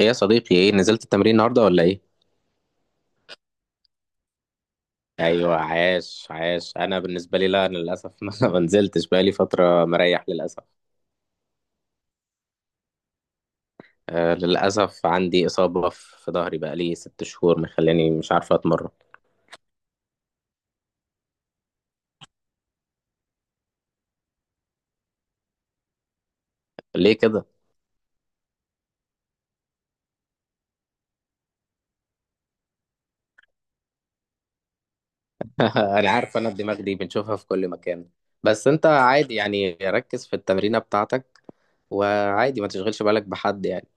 ايه يا صديقي، ايه نزلت التمرين النهارده ولا ايه؟ ايوه، عاش عاش. انا بالنسبه لي لا، انا للاسف ما نزلتش بقالي فتره مريح للاسف. آه للاسف، عندي اصابه في ظهري بقالي 6 شهور مخلاني مش عارفه اتمرن. ليه كده؟ انا عارف، انا الدماغ دي بنشوفها في كل مكان. بس انت عادي يعني، ركز في التمرينه بتاعتك، وعادي ما تشغلش بالك بحد يعني.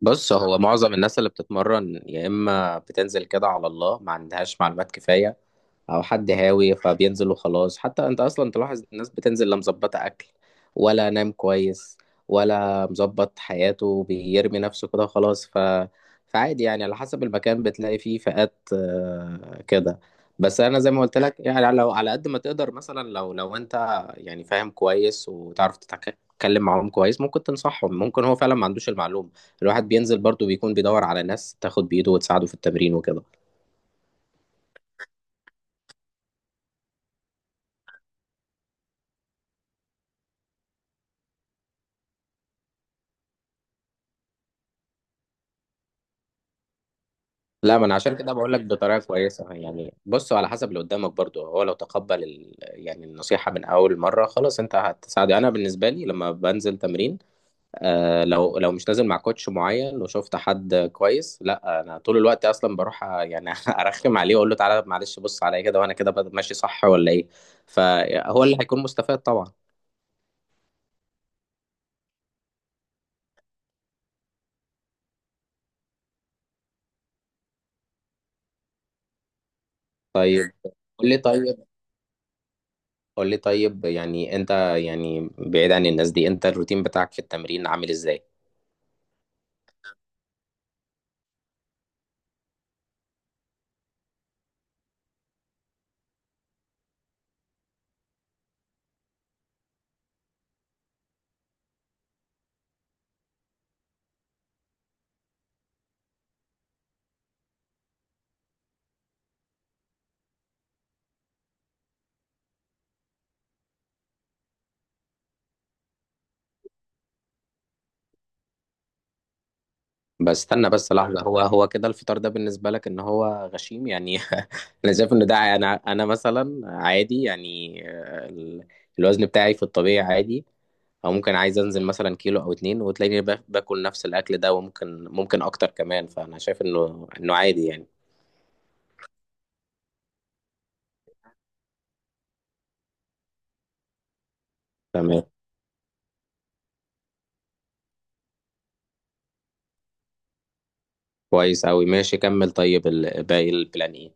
بص، هو معظم الناس اللي بتتمرن يا اما بتنزل كده على الله ما عندهاش معلومات كفايه، او حد هاوي فبينزل وخلاص. حتى انت اصلا تلاحظ الناس بتنزل لا مظبطه اكل ولا نام كويس ولا مظبط حياته، بيرمي نفسه كده خلاص، ف فعادي يعني، على حسب المكان بتلاقي فيه فئات كده. بس انا زي ما قلت لك، يعني لو على قد ما تقدر، مثلا لو انت يعني فاهم كويس وتعرف تتكلم معاهم كويس، ممكن تنصحهم، ممكن هو فعلا ما عندوش المعلومة. الواحد بينزل برضه بيكون بيدور على ناس تاخد بإيده وتساعده في التمرين وكده. لا، ما انا عشان كده بقول لك، بطريقه كويسه يعني، بصوا على حسب اللي قدامك برضو، هو لو تقبل يعني النصيحه من اول مره خلاص، انت هتساعده. انا بالنسبه لي لما بنزل تمرين، آه لو مش نازل مع كوتش معين وشفت حد كويس، لا انا طول الوقت اصلا بروح يعني ارخم عليه واقول له تعالى معلش بص عليا كده، وانا كده ماشي صح ولا ايه. فهو اللي هيكون مستفاد طبعا. طيب قول لي طيب قول لي طيب يعني انت، يعني بعيد عن الناس دي، انت الروتين بتاعك في التمرين عامل ازاي؟ بس استنى بس لحظة، هو كده الفطار ده بالنسبة لك ان هو غشيم يعني؟ انا شايف ان ده انا مثلا عادي يعني الوزن بتاعي في الطبيعي عادي، او ممكن عايز انزل مثلا كيلو او اتنين، وتلاقيني باكل نفس الاكل ده، وممكن ممكن اكتر كمان، فانا شايف انه عادي يعني. تمام. كويس اوي، ماشي، كمل. طيب باقي البلان ايه؟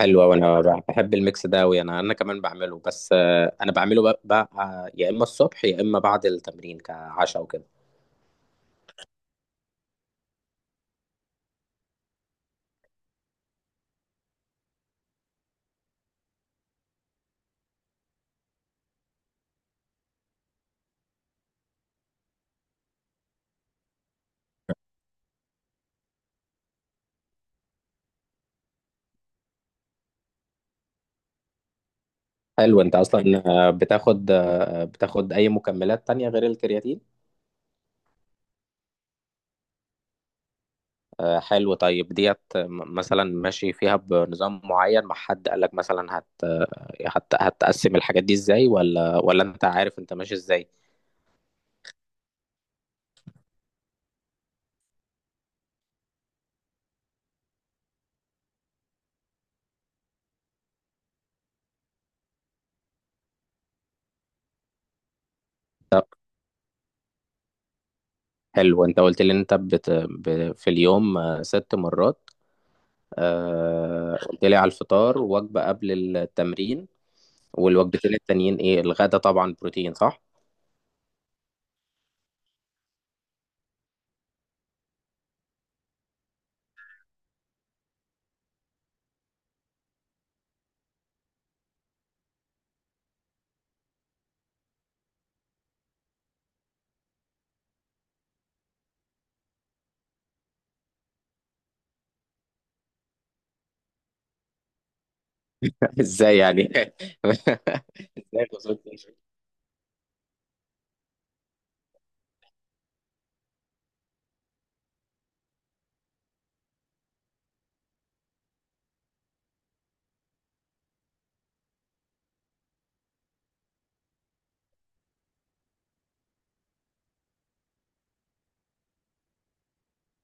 حلوة، وانا بحب الميكس ده اوي، انا انا كمان بعمله، بس انا بعمله بقى يا اما الصبح يا اما بعد التمرين كعشاء وكده. حلو. انت اصلا بتاخد اي مكملات تانية غير الكرياتين؟ حلو. طيب ديت مثلا ماشي فيها بنظام معين مع حد قالك مثلا هت هت هتقسم الحاجات دي ازاي، ولا انت عارف انت ماشي ازاي؟ طب حلو. انت قلت لي ان انت في اليوم ست مرات، قلت لي على الفطار، وجبة قبل التمرين، والوجبتين التانيين ايه؟ الغدا طبعا بروتين صح؟ ازاي يعني؟ ازاي خسرت؟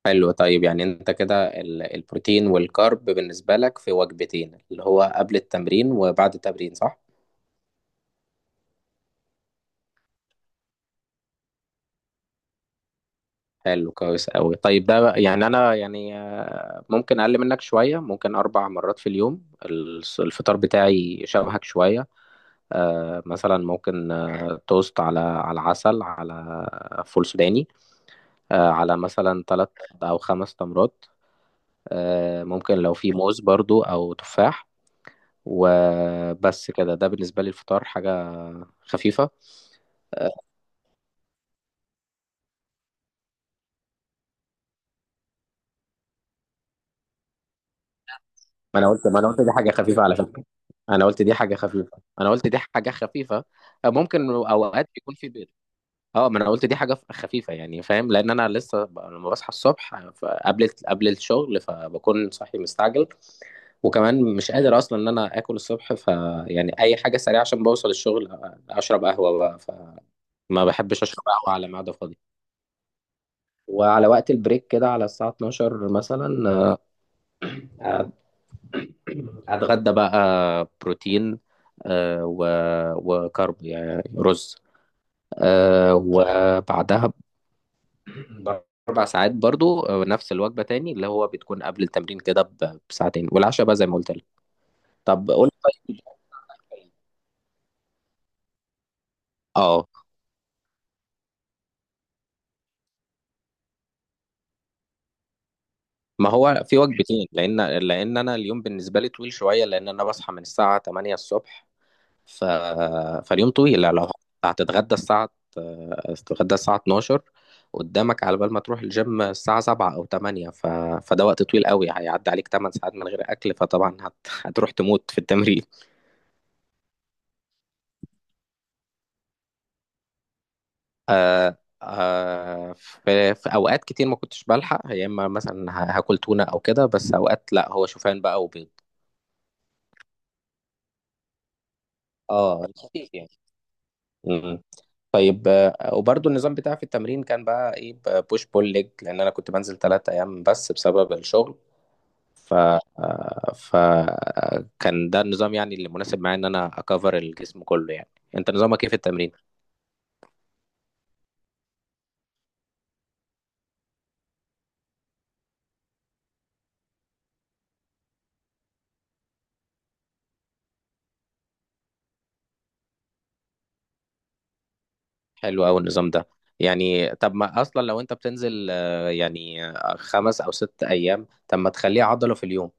حلو. طيب يعني انت كده البروتين والكارب بالنسبة لك في وجبتين، اللي هو قبل التمرين وبعد التمرين، صح؟ حلو كويس قوي. طيب ده بقى، يعني انا يعني ممكن اقل منك شوية، ممكن اربع مرات في اليوم. الفطار بتاعي شبهك شوية، مثلا ممكن توست على عسل، على فول سوداني، على مثلا ثلاث او خمس تمرات، ممكن لو في موز برضو او تفاح، وبس كده. ده بالنسبة لي الفطار حاجة خفيفة. ما انا قلت دي حاجه خفيفه على فكره، انا قلت دي حاجه خفيفه، انا قلت دي حاجه خفيفه، ممكن اوقات يكون في بيض. اه، ما انا قلت دي حاجه خفيفه يعني، فاهم، لان انا لسه لما بصحى الصبح قبل الشغل فبكون صاحي مستعجل، وكمان مش قادر اصلا ان انا اكل الصبح ف يعني اي حاجه سريعه عشان بوصل الشغل، اشرب قهوه بقى، فما بحبش اشرب قهوه على معده فاضيه. وعلى وقت البريك كده على الساعة 12 مثلا، آه، هتغدى بقى بروتين، آه، و- وكارب يعني رز، وبعدها بأربع ساعات برضو نفس الوجبة تاني، اللي هو بتكون قبل التمرين كده بساعتين، والعشاء بقى زي ما قلت لك. طب قول طيب. اه، ما هو في وجبتين لأن أنا اليوم بالنسبة لي طويل شوية، لأن أنا بصحى من الساعة 8 الصبح ف... فاليوم طويل يعني، لو هتتغدى الساعة هتتغدى الساعة 12 قدامك، على بال ما تروح الجيم الساعة 7 أو 8 ف... فده وقت طويل قوي، هيعدي عليك 8 ساعات من غير أكل، فطبعا هتروح تموت في التمرين. آه... آه... في أوقات كتير ما كنتش بلحق، يا إما مثلا هاكل تونة أو كده، بس أوقات لأ، هو شوفان بقى وبيض. اه، الخفيف يعني. مم. طيب، وبرضو النظام بتاعي في التمرين كان بقى ايه؟ بوش بول ليج، لان انا كنت بنزل 3 ايام بس بسبب الشغل، ف آه، ف آه، كان ده النظام يعني اللي مناسب معايا، ان انا اكفر الجسم كله يعني. انت نظامك ايه في التمرين؟ حلو قوي النظام ده. يعني طب ما اصلا لو انت بتنزل خمس او ست ايام، طب ما تخليه عضلة في اليوم.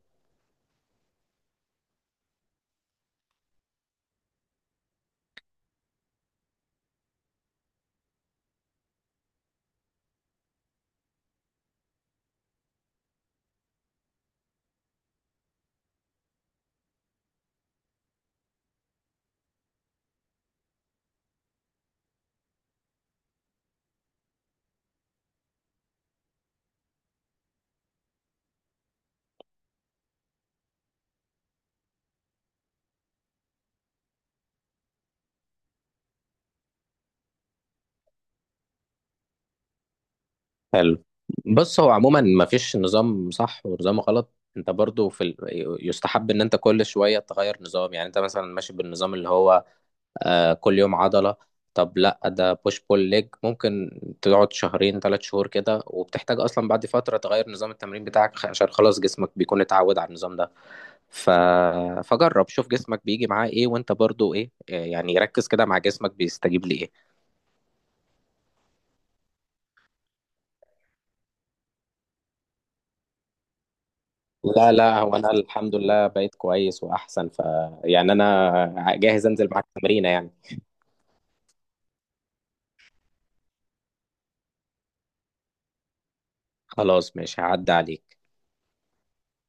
حلو. بص هو عموما ما فيش نظام صح ونظام غلط، انت برضو في يستحب ان انت كل شوية تغير نظام. يعني انت مثلا ماشي بالنظام اللي هو آه كل يوم عضلة، طب لا، ده بوش بول ليج ممكن تقعد شهرين 3 شهور كده، وبتحتاج اصلا بعد فترة تغير نظام التمرين بتاعك، عشان خلاص جسمك بيكون اتعود على النظام ده ف... فجرب شوف جسمك بيجي معاه ايه، وانت برضو ايه، يعني ركز كده مع جسمك بيستجيب لايه. لا لا، هو انا الحمد لله بقيت كويس واحسن، ف يعني انا جاهز انزل معاك تمرينه يعني. خلاص ماشي، هعدي عليك.